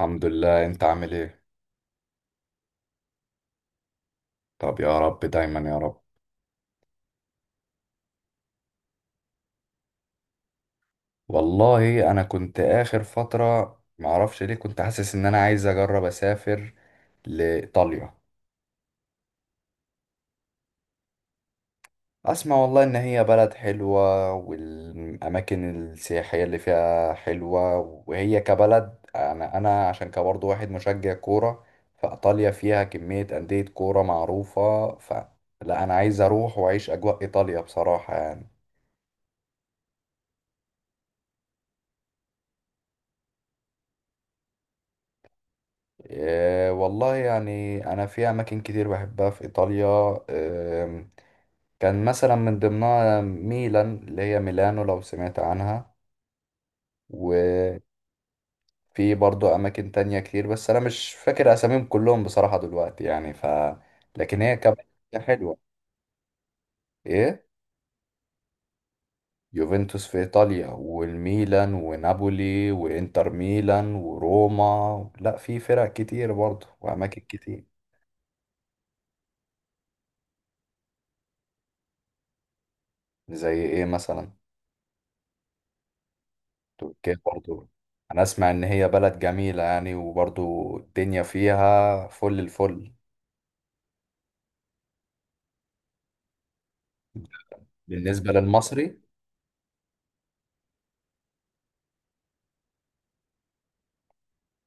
الحمد لله، انت عامل ايه؟ طب يا رب دايما يا رب. والله انا كنت اخر فترة معرفش ليه كنت حاسس ان انا عايز اجرب اسافر لايطاليا. اسمع، والله ان هي بلد حلوة والاماكن السياحية اللي فيها حلوة. وهي كبلد انا عشان كبرضه واحد مشجع كورة. فايطاليا فيها كمية اندية كورة معروفة، فلا انا عايز اروح واعيش اجواء ايطاليا بصراحة يعني. إيه، والله يعني أنا في أماكن كتير بحبها في إيطاليا. إيه كان مثلا من ضمنها ميلان اللي هي ميلانو، لو سمعت عنها. وفي برضو أماكن تانية كتير، بس أنا مش فاكر أساميهم كلهم بصراحة دلوقتي يعني. ف لكن هي كمان حلوة. إيه. يوفنتوس في إيطاليا والميلان ونابولي وإنتر ميلان وروما، لا في فرق كتير برضو وأماكن كتير. زي إيه مثلا؟ تركيا برضو. انا اسمع ان هي بلد جميلة يعني، وبرضو الدنيا فيها فل الفل. بالنسبة للمصري.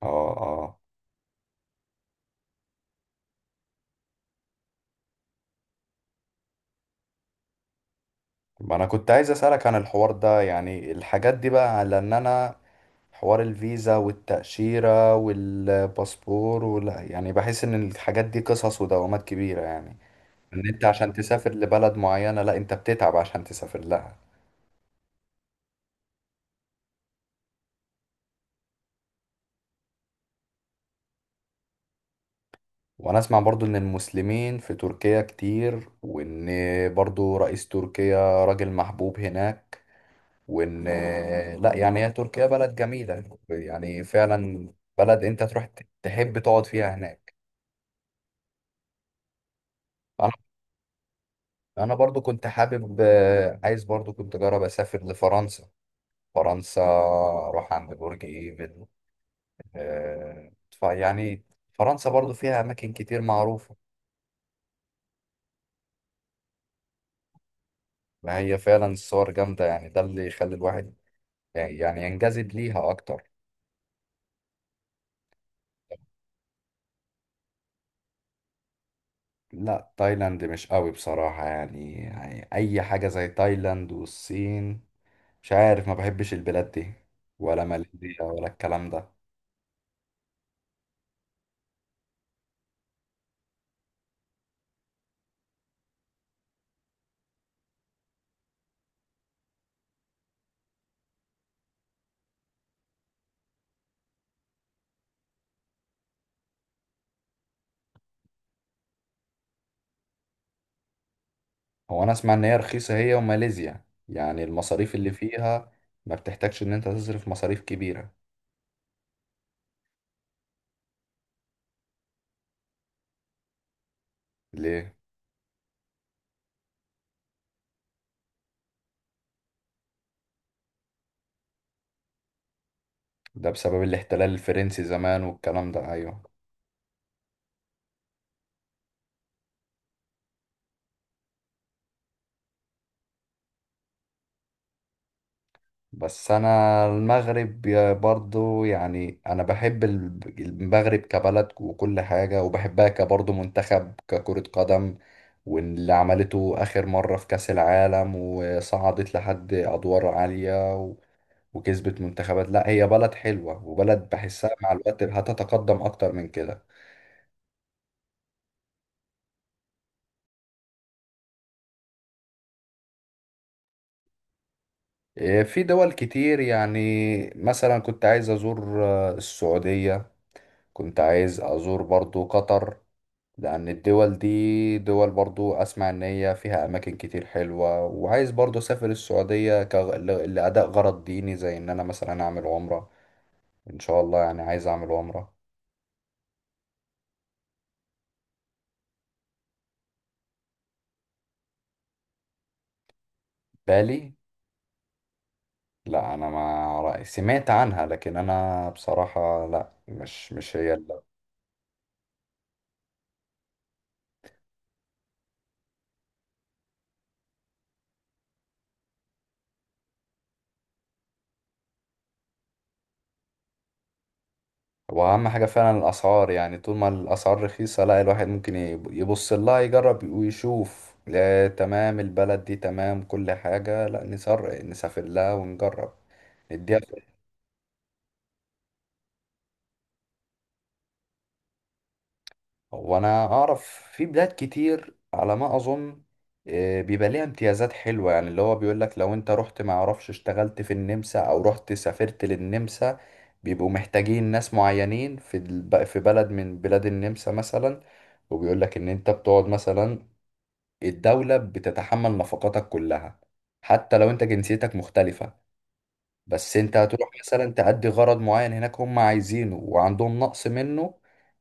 اه، اه. ما انا كنت عايز اسألك عن الحوار ده، يعني الحاجات دي بقى، لان انا حوار الفيزا والتأشيرة والباسبور، ولا يعني بحس ان الحاجات دي قصص ودوامات كبيرة يعني. ان انت عشان تسافر لبلد معينة، لا انت بتتعب عشان تسافر لها. وانا اسمع برضو ان المسلمين في تركيا كتير، وان برضو رئيس تركيا راجل محبوب هناك، وان لا يعني هي تركيا بلد جميلة يعني فعلا. بلد انت تروح تحب تقعد فيها هناك. انا انا برضو كنت حابب، عايز برضو كنت اجرب اسافر لفرنسا. فرنسا اروح عند برج ايفل. فيعني فرنسا برضو فيها اماكن كتير معروفة. ما هي فعلا الصور جامدة، يعني ده اللي يخلي الواحد يعني ينجذب ليها اكتر. لا تايلاند مش قوي بصراحة يعني أي حاجة زي تايلاند والصين، مش عارف، ما بحبش البلاد دي ولا ماليزيا ولا الكلام ده. هو أنا أسمع إن هي رخيصة، هي وماليزيا، يعني المصاريف اللي فيها ما بتحتاجش إن أنت تصرف مصاريف كبيرة. ليه؟ ده بسبب الاحتلال الفرنسي زمان والكلام ده، أيوه. بس انا المغرب برضو، يعني انا بحب المغرب كبلد وكل حاجة، وبحبها كبرضو منتخب ككرة قدم. واللي عملته اخر مرة في كأس العالم وصعدت لحد ادوار عالية و- وكسبت منتخبات. لا هي بلد حلوة وبلد بحسها مع الوقت هتتقدم اكتر من كده. إيه، في دول كتير يعني. مثلا كنت عايز ازور السعودية، كنت عايز ازور برضو قطر. لأن الدول دي دول برضو أسمع إن هي فيها أماكن كتير حلوة، وعايز برضو أسافر السعودية لأداء غرض ديني، زي إن أنا مثلا أعمل عمرة، إن شاء الله يعني عايز أعمل عمرة. بالي. لا أنا ما رأي- سمعت عنها، لكن أنا بصراحة لا، مش هي اللي. وأهم حاجة فعلا الأسعار، يعني طول ما الأسعار رخيصة لا الواحد ممكن يبص لها، يجرب ويشوف، لا تمام البلد دي تمام كل حاجة، لا نسافر لها ونجرب نديها. وانا اعرف في بلاد كتير على ما اظن بيبقى ليها امتيازات حلوة، يعني اللي هو بيقول لك لو انت رحت ما اعرفش اشتغلت في النمسا او رحت سافرت للنمسا، بيبقوا محتاجين ناس معينين في بلد من بلاد النمسا مثلا. وبيقول لك ان انت بتقعد مثلا الدولة بتتحمل نفقاتك كلها، حتى لو انت جنسيتك مختلفة، بس انت هتروح مثلا تأدي غرض معين هناك هم عايزينه وعندهم نقص منه.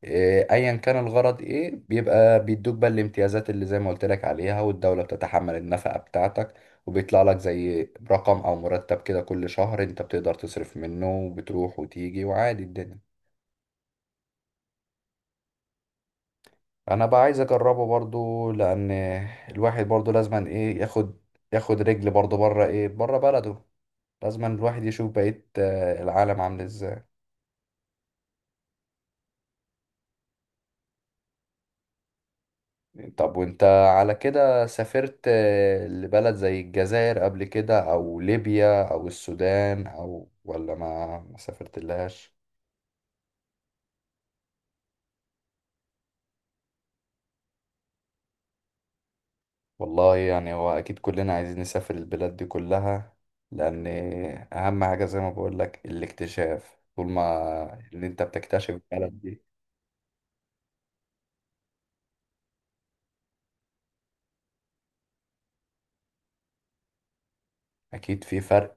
اه، ايا كان الغرض ايه، بيبقى بيدوك بقى الامتيازات اللي زي ما قلت لك عليها، والدولة بتتحمل النفقة بتاعتك، وبيطلع لك زي رقم او مرتب كده كل شهر انت بتقدر تصرف منه، وبتروح وتيجي وعادي الدنيا. انا بقى عايز اجربه برضو، لان الواحد برضو لازما ايه ياخد رجل برضو بره، ايه بره بلده، لازما الواحد يشوف بقية العالم عامل ازاي. طب وانت على كده سافرت لبلد زي الجزائر قبل كده، او ليبيا او السودان، او ولا ما سافرت لهاش. والله يعني هو اكيد كلنا عايزين نسافر البلاد دي كلها، لان اهم حاجة زي ما بقول لك الاكتشاف، طول ما ان انت بتكتشف البلد دي اكيد في فرق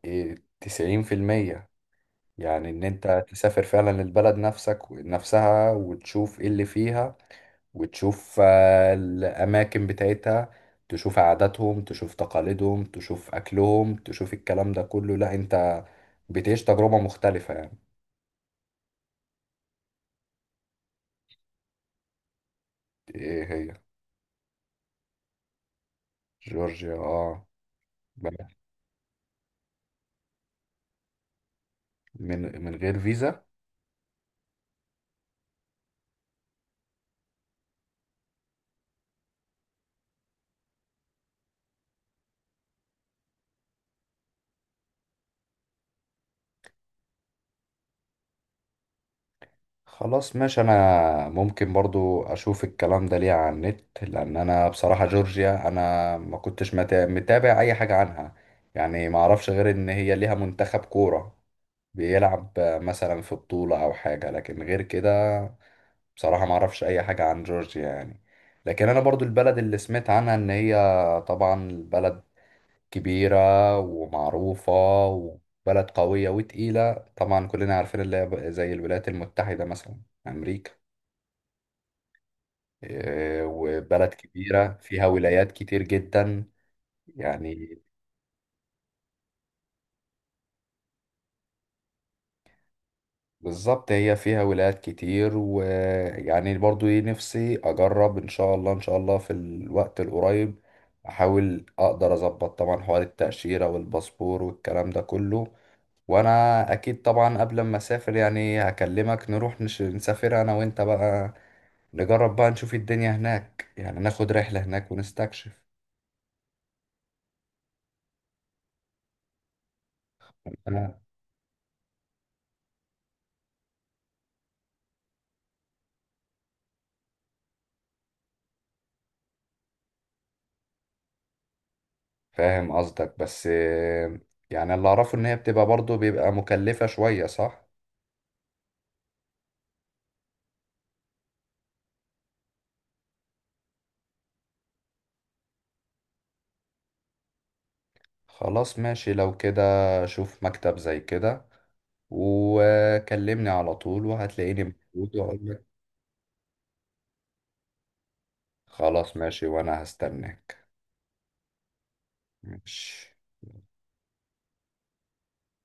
90%. يعني ان انت تسافر فعلا للبلد نفسك نفسها وتشوف ايه اللي فيها، وتشوف الأماكن بتاعتها، تشوف عاداتهم، تشوف تقاليدهم، تشوف أكلهم، تشوف الكلام ده كله، لا أنت بتعيش تجربة مختلفة يعني. إيه هي؟ جورجيا. اه، بلد. من غير فيزا. خلاص ماشي، أنا ممكن برضو أشوف الكلام ده ليه على النت، لأن أنا بصراحة جورجيا أنا ما كنتش متابع أي حاجة عنها. يعني ما أعرفش غير إن هي ليها منتخب كورة بيلعب مثلا في بطولة أو حاجة، لكن غير كده بصراحة ما اعرفش اي حاجة عن جورجيا يعني. لكن انا برضو البلد اللي سمعت عنها ان هي طبعا بلد كبيرة ومعروفة، وبلد قوية وتقيلة، طبعا كلنا عارفين اللي هي زي الولايات المتحدة مثلا، امريكا. إيه، وبلد كبيرة فيها ولايات كتير جدا يعني. بالظبط هي فيها ولايات كتير، ويعني برضو ايه نفسي اجرب، ان شاء الله ان شاء الله في الوقت القريب احاول اقدر اظبط طبعا حوار التأشيرة والباسبور والكلام ده كله. وانا اكيد طبعا قبل ما اسافر يعني هكلمك، نروح نسافر انا وانت بقى، نجرب بقى نشوف الدنيا هناك يعني، ناخد رحلة هناك ونستكشف. أنا فاهم قصدك، بس يعني اللي اعرفه ان هي بتبقى برضو بيبقى مكلفة شوية، صح؟ خلاص ماشي لو كده، شوف مكتب زي كده وكلمني على طول، وهتلاقيني موجود واقول لك. خلاص ماشي وانا هستناك. ماشي.